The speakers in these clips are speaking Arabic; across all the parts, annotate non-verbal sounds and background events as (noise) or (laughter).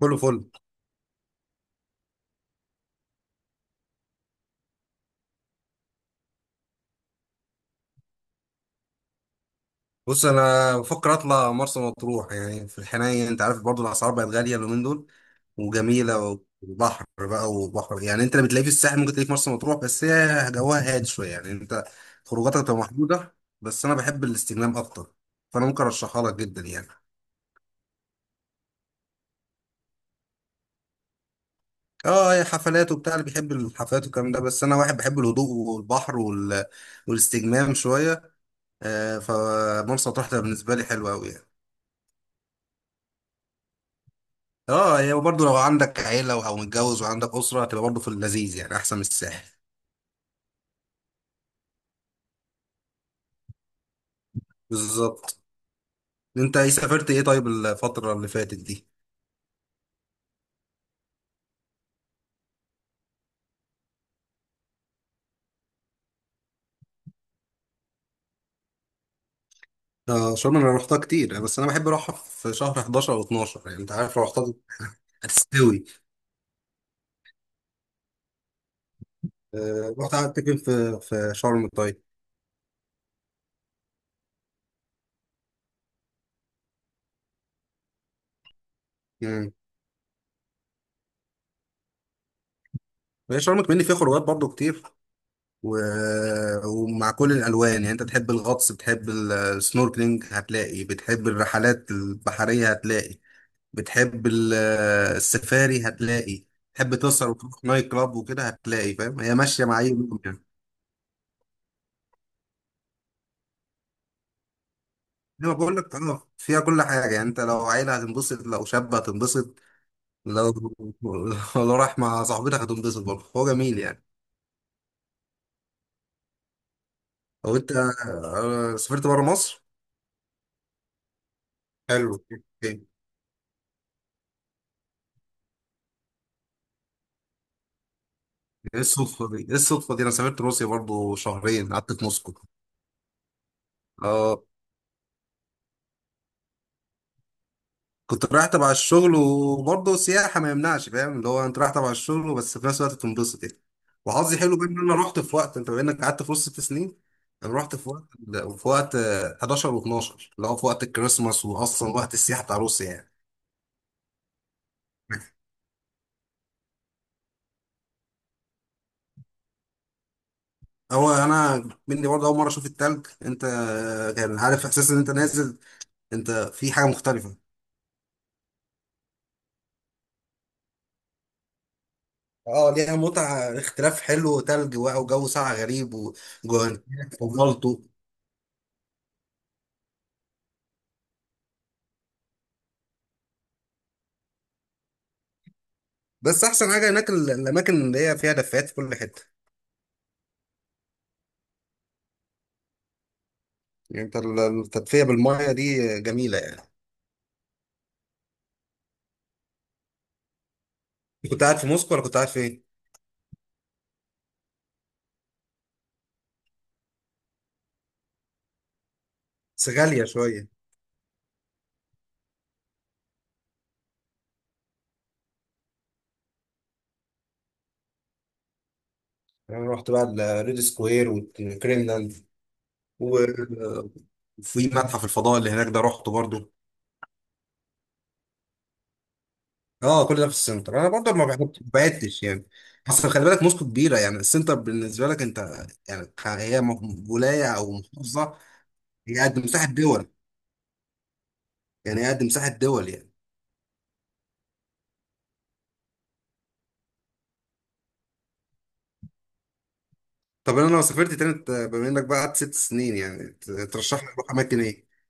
كله فل. بص انا بفكر اطلع مرسى مطروح، يعني في الحنين، انت عارف. برضو الاسعار بقت غاليه اليومين دول، وجميله وبحر بقى. وبحر يعني انت اللي بتلاقيه في الساحل ممكن تلاقيه في مرسى مطروح، بس هي جواها هادي شويه، يعني انت خروجاتك بتبقى محدوده. بس انا بحب الاستجمام اكتر، فانا ممكن ارشحها لك جدا يعني. اه هي حفلات وبتاع، اللي بيحب الحفلات والكلام ده، بس انا واحد بحب الهدوء والبحر والاستجمام شويه. فمرسى مطروح ده بالنسبه لي حلوه قوي. اه هي برضه لو عندك عيلة او متجوز وعندك أسرة، هتبقى برضه في اللذيذ، يعني احسن من الساحل. بالظبط. انت ايه سافرت ايه طيب الفترة اللي فاتت دي؟ آه شرم انا رحتها كتير، بس انا بحب اروحها في شهر 11 او 12، يعني انت عارف لو رحتها هتستوي. آه رحت قعدت فين في شرم طيب؟ امم. هي شرم كمان فيها خروجات برضه كتير، و... ومع كل الالوان. يعني انت بتحب الغطس، بتحب السنوركلينج هتلاقي، بتحب الرحلات البحرية هتلاقي، بتحب السفاري هتلاقي، تحب تسهر وتروح نايت كلاب وكده هتلاقي، فاهم؟ هي ماشيه مع اي يوم يعني. انا بقول لك اه فيها كل حاجه، يعني انت لو عيله هتنبسط، لو شاب هتنبسط، لو (laughs) لو رايح مع صاحبتك هتنبسط برضه، هو جميل يعني. لو انت سافرت بره مصر؟ حلو اوكي. ايه الصدفه دي، انا سافرت روسيا برضه، شهرين قعدت في موسكو. اه كنت رايح تبع الشغل وبرضه سياحة، ما يمنعش، فاهم؟ اللي هو انت رايح تبع الشغل بس في نفس الوقت تنبسط يعني. وحظي حلو بقى ان انا رحت في وقت، انت بما انك قعدت في وسط ست سنين، انا رحت في وقت، في وقت 11 و12، اللي هو في وقت الكريسماس، واصلا وقت السياحة بتاع روسيا يعني. هو انا مني برضه اول مرة اشوف التلج، انت كان عارف احساس ان انت نازل، انت في حاجة مختلفة. اه ليها متعة، اختلاف حلو، تلج بقى وجو ساقع غريب وجو فضلته. بس احسن حاجه هناك الاماكن اللي هي فيها دفايات في كل حته. يعني انت التدفئه بالميه دي جميله يعني. كنت قاعد في موسكو ولا كنت قاعد فين؟ بس غاليه شويه. يعني انا رحت بقى الريد سكوير والكريملين، وفي متحف الفضاء اللي هناك ده رحته برضو. اه كل ده في السنتر، انا برضو ما بعدتش يعني. اصل خلي بالك موسكو كبيره، يعني السنتر بالنسبه لك انت يعني. هي ولايه او محافظه. هي قد مساحه دول يعني، هي قد مساحه دول يعني. طب انا لو سافرت تاني بما انك بقى قعدت ست سنين، يعني ترشح لي اروح اماكن ايه؟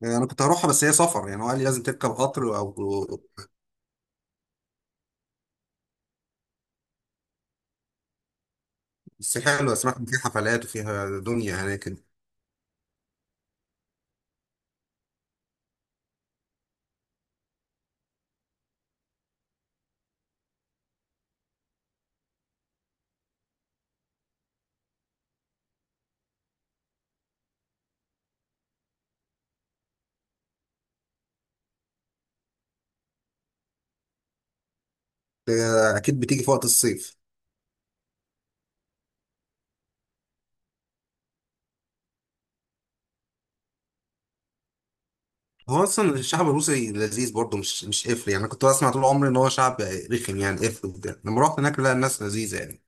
يعني انا كنت هروحها، بس هي سفر يعني، هو قال لي لازم تركب قطر او. بس حلوه، سمعت ان في حفلات وفيها دنيا هناك. آه، اكيد بتيجي في وقت الصيف. هو اصلا الشعب الروسي لذيذ برضه، مش قفل يعني. انا كنت بسمع طول عمري ان هو شعب رخم يعني، قفل وكده، لما رحت هناك لا الناس لذيذه يعني.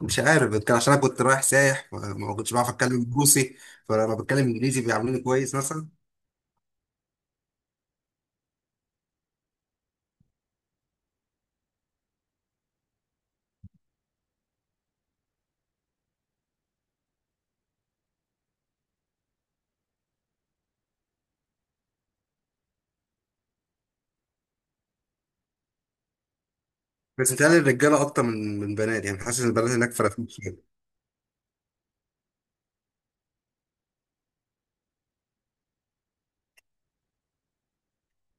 مش عارف، يمكن عشان انا كنت رايح سايح، ما كنتش بعرف اتكلم روسي، فلما بتكلم انجليزي بيعاملوني كويس مثلا. بس بتهيألي الرجاله اكتر من بنات، يعني حاسس ان البنات هناك فرقت شويه.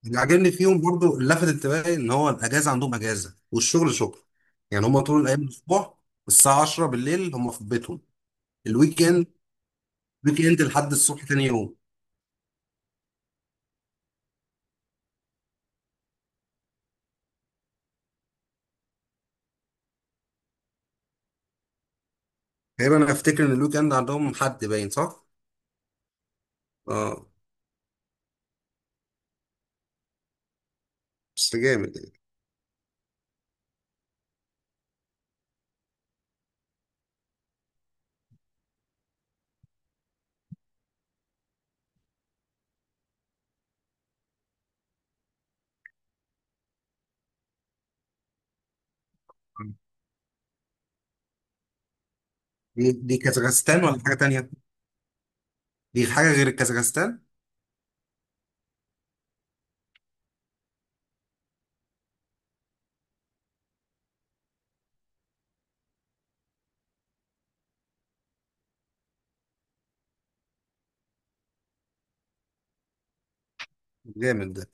اللي عاجبني فيهم برضو، اللي لفت انتباهي، ان هو الاجازه عندهم اجازه والشغل شغل. يعني هم طول الايام الاسبوع الساعه 10 بالليل هم في بيتهم. الويك اند، ويك اند لحد الصبح تاني يوم. تقريبا انا افتكر ان الويك اند عندهم حد، باين صح؟ اه بس جامد يعني. دي كازاخستان ولا حاجه تانيه؟ دي حاجه غير الكازاخستان؟ جامد ده.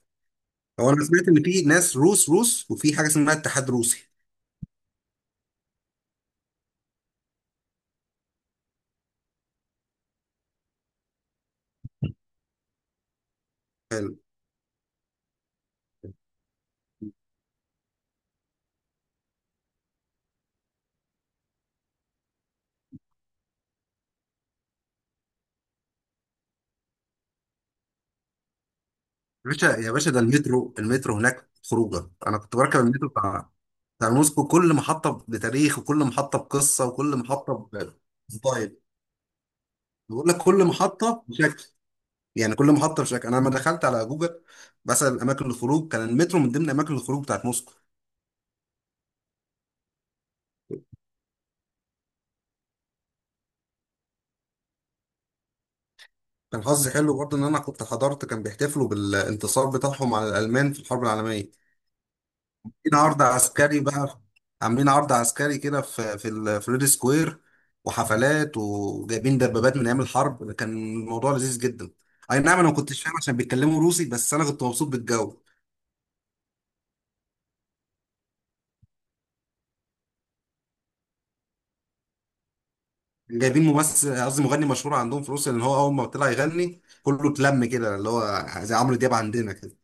هو انا سمعت ان في ناس روس، وفي حاجه اسمها اتحاد روسي. باشا يا باشا، ده المترو، المترو هناك خروجه، انا كنت بركب المترو بتاع، بتاع موسكو، كل محطه بتاريخ، وكل محطه بقصه، وكل محطه بستايل. بقول لك كل محطه بشكل، يعني كل محطه بشكل. انا لما دخلت على جوجل بسال اماكن الخروج، كان المترو من ضمن اماكن الخروج بتاعت موسكو. كان حظي حلو برضه ان انا كنت حضرت، كان بيحتفلوا بالانتصار بتاعهم على الالمان في الحرب العالميه، عاملين عرض عسكري بقى، عاملين عرض عسكري كده في الفريد سكوير، وحفلات، وجايبين دبابات من ايام الحرب، كان الموضوع لذيذ جدا. اي نعم انا ما كنتش فاهم عشان بيتكلموا روسي، بس انا كنت مبسوط بالجو. جايبين ممثل، قصدي مغني مشهور عندهم في روسيا، لان هو اول ما طلع يغني كله اتلم كده، اللي هو زي عمرو دياب عندنا كده.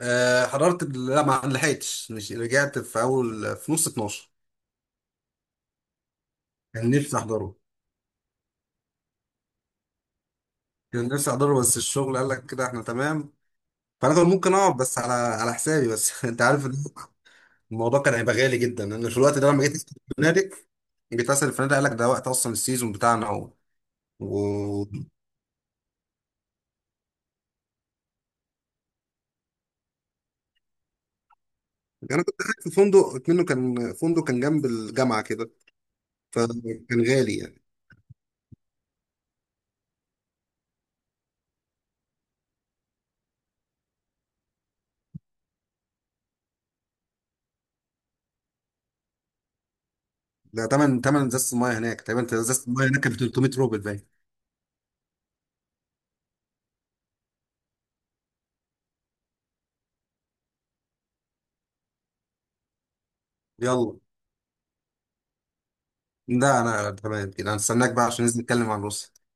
أه حضرت لا ما لحقتش، مش رجعت في اول في نص 12. كان نفسي احضره، كان نفسي احضره، بس الشغل قال لك كده احنا تمام. فانا كان ممكن اقعد بس على حسابي بس (laughs) انت عارف إن الموضوع كان هيبقى غالي جدا، لان في الوقت ده لما جيت اسال الفنادق، قال لك ده وقت اصلا السيزون بتاعنا و... انا كنت قاعد في فندق منه، كان فندق كان جنب الجامعه كده، فكان غالي يعني. ده تمن ازازه الميه هناك تقريبا، ازازه الميه هناك كانت 300 روبل باين. يلا، ده انا تمام كده، انا استناك بقى عشان ننزل نتكلم عن روسيا.